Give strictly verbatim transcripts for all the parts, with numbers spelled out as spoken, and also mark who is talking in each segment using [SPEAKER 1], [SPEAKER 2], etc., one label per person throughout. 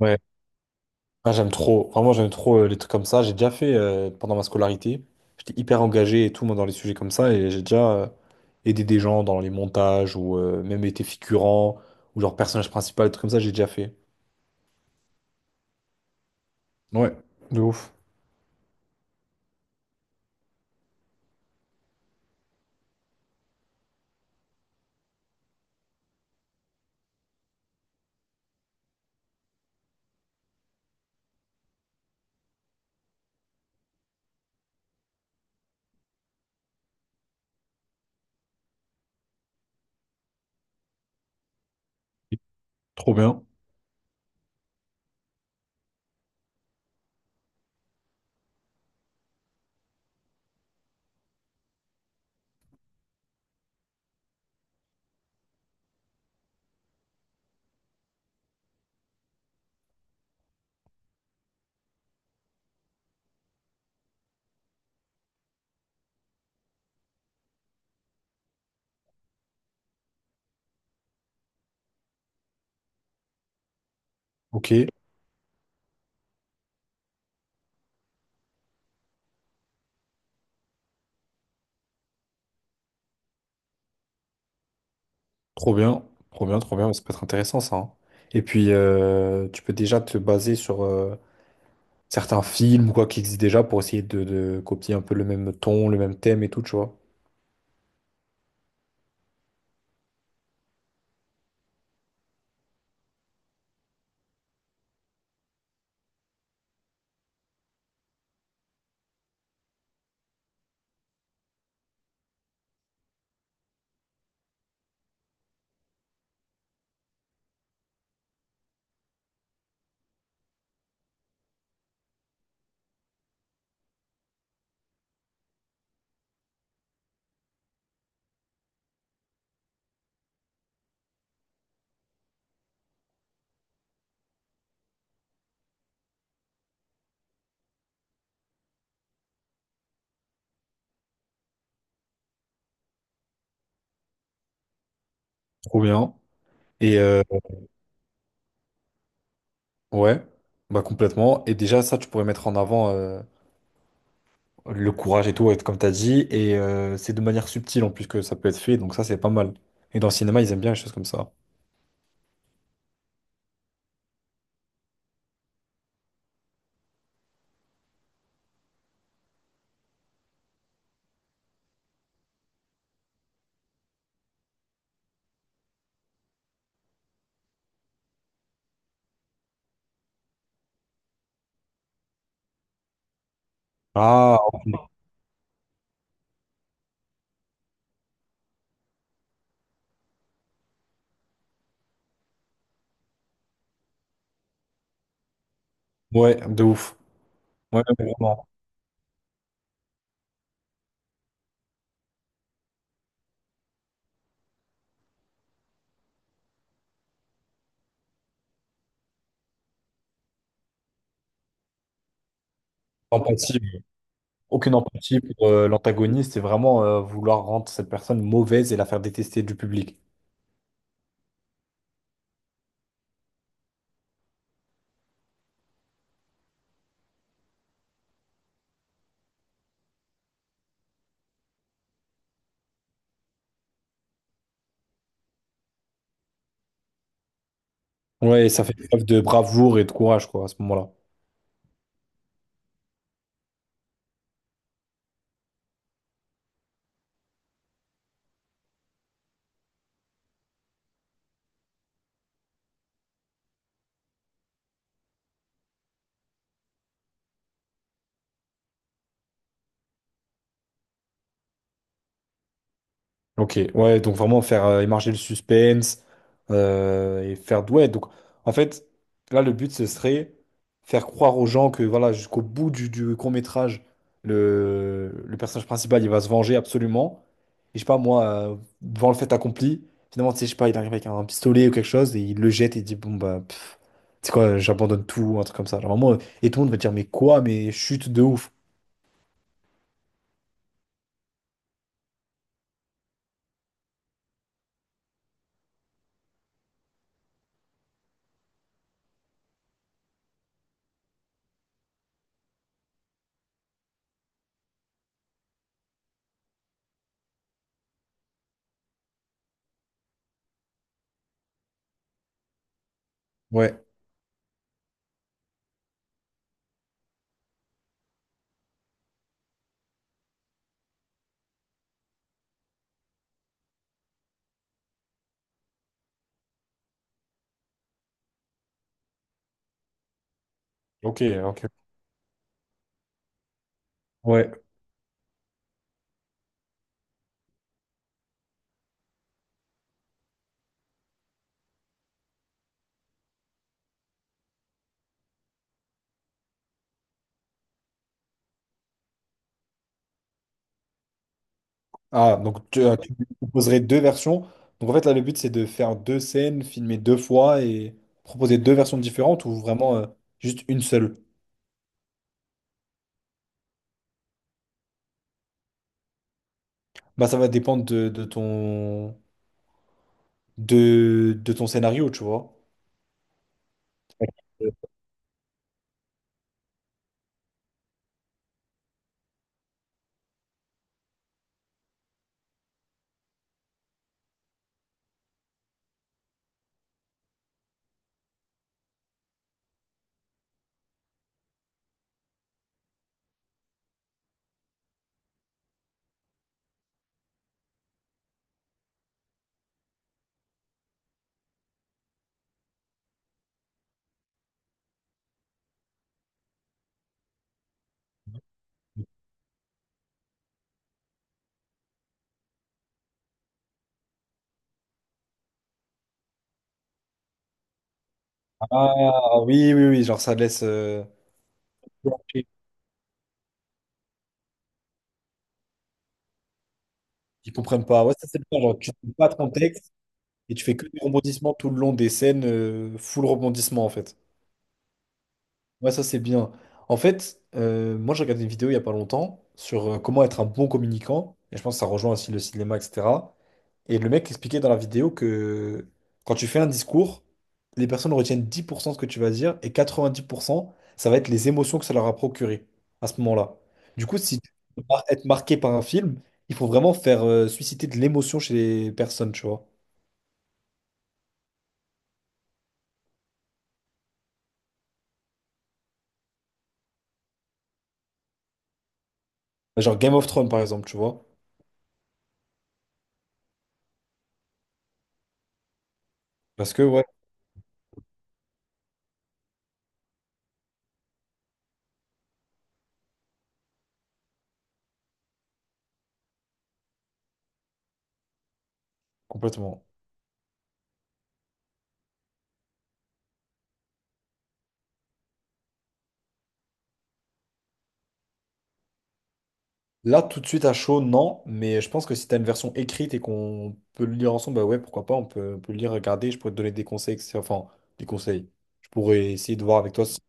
[SPEAKER 1] Ouais. Ah, j'aime trop. Vraiment, j'aime trop euh, les trucs comme ça. J'ai déjà fait euh, pendant ma scolarité. J'étais hyper engagé et tout, moi, dans les sujets comme ça. Et j'ai déjà euh, aidé des gens dans les montages ou euh, même été figurant ou genre personnage principal, des trucs comme ça, j'ai déjà fait. Ouais, de ouf. Trop bien. Ok, trop bien, trop bien, trop bien. Ça peut être intéressant, ça, hein. Et puis, euh, tu peux déjà te baser sur euh, certains films ou quoi qui existent déjà pour essayer de, de copier un peu le même ton, le même thème et tout, tu vois. Trop bien. Et euh, ouais, bah complètement. Et déjà, ça, tu pourrais mettre en avant euh, le courage et tout, et comme t'as dit. Et euh, c'est de manière subtile en plus que ça peut être fait, donc ça, c'est pas mal. Et dans le cinéma, ils aiment bien les choses comme ça. Ah, ouais, de ouf. Ouais, ouais, vraiment. Empathie, aucune empathie pour euh, l'antagoniste, c'est vraiment euh, vouloir rendre cette personne mauvaise et la faire détester du public. Ouais, et ça fait preuve de bravoure et de courage, quoi, à ce moment-là. Ok, ouais, donc vraiment faire euh, émarger le suspense euh, et faire ouais, donc en fait là le but ce serait faire croire aux gens que voilà jusqu'au bout du, du court-métrage le, le personnage principal il va se venger absolument et je sais pas moi, euh, devant le fait accompli, finalement tu sais je sais pas, il arrive avec un pistolet ou quelque chose et il le jette et il dit bon bah pff, tu sais quoi j'abandonne, tout un truc comme ça, genre vraiment euh, et tout le monde va dire mais quoi, mais chute de ouf. Ouais, ok, ok, ouais. Ah, donc tu, euh, tu proposerais deux versions. Donc en fait, là, le but, c'est de faire deux scènes, filmer deux fois et proposer deux versions différentes, ou vraiment euh, juste une seule. Bah, ça va dépendre de, de ton, de, de ton scénario, tu vois. Ah oui, oui, oui, genre ça laisse, euh, ils comprennent pas. Ouais, ça c'est bien, genre tu ne pas ton texte et tu fais que des rebondissements tout le long des scènes, euh, full rebondissement en fait. Ouais, ça c'est bien. En fait, euh, moi j'ai regardé une vidéo il y a pas longtemps sur euh, comment être un bon communicant, et je pense que ça rejoint aussi le cinéma, et cætera. Et le mec expliquait dans la vidéo que quand tu fais un discours, les personnes retiennent dix pour cent de ce que tu vas dire, et quatre-vingt-dix pour cent, ça va être les émotions que ça leur a procuré à ce moment-là. Du coup, si tu veux mar- être marqué par un film, il faut vraiment faire euh, susciter de l'émotion chez les personnes, tu vois. Genre Game of Thrones, par exemple, tu vois. Parce que, ouais, complètement. Là, tout de suite à chaud, non, mais je pense que si tu as une version écrite et qu'on peut le lire ensemble, bah ouais, pourquoi pas, on peut, on peut le lire, regarder, je pourrais te donner des conseils, et cætera. Enfin, des conseils. Je pourrais essayer de voir avec toi si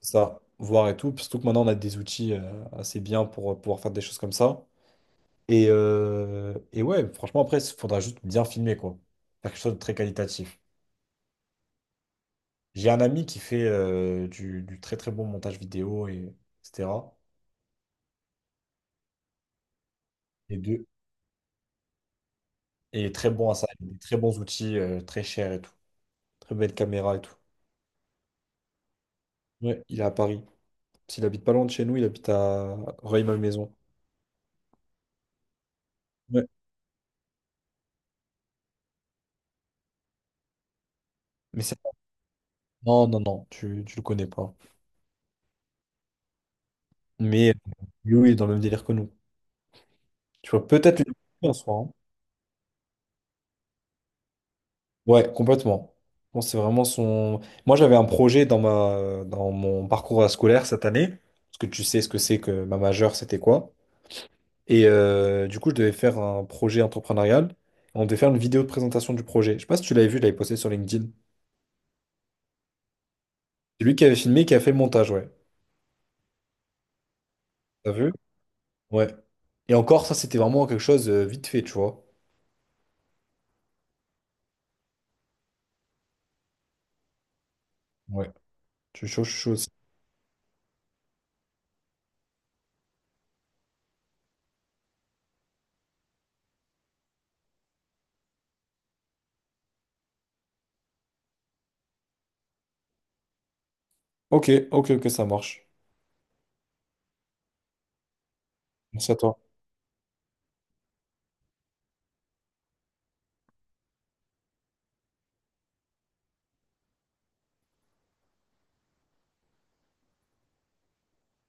[SPEAKER 1] ça, voir et tout, surtout que maintenant on a des outils euh, assez bien pour euh, pouvoir faire des choses comme ça. Et, euh, et ouais, franchement, après, il faudra juste bien filmer, quoi. Faire quelque chose de très qualitatif. J'ai un ami qui fait euh, du, du très très bon montage vidéo, et, etc. Et, de, et très bon à ça, il a des très bons outils, euh, très chers et tout. Très belle caméra et tout. Ouais, il est à Paris. S'il habite pas loin de chez nous, il habite à Rueil-Malmaison. Ouais. Mais c'est... Non, non, non, tu, tu le connais pas. Mais euh, lui, oui, il est dans le même délire que nous. Tu vois, peut-être lui en soi, hein. Ouais, complètement. Bon, c'est vraiment son... Moi, j'avais un projet dans ma... dans mon parcours scolaire cette année, parce que tu sais ce que c'est que ma majeure, c'était quoi. Et euh, du coup, je devais faire un projet entrepreneurial. On devait faire une vidéo de présentation du projet. Je sais pas si tu l'avais vu, je l'avais posté sur LinkedIn. C'est lui qui avait filmé, qui a fait le montage, ouais. T'as vu? Ouais. Et encore, ça, c'était vraiment quelque chose euh, vite fait, tu vois. Ouais. Tu chaud, je suis chaud aussi. Ok, ok, ok, ça marche. Merci à toi.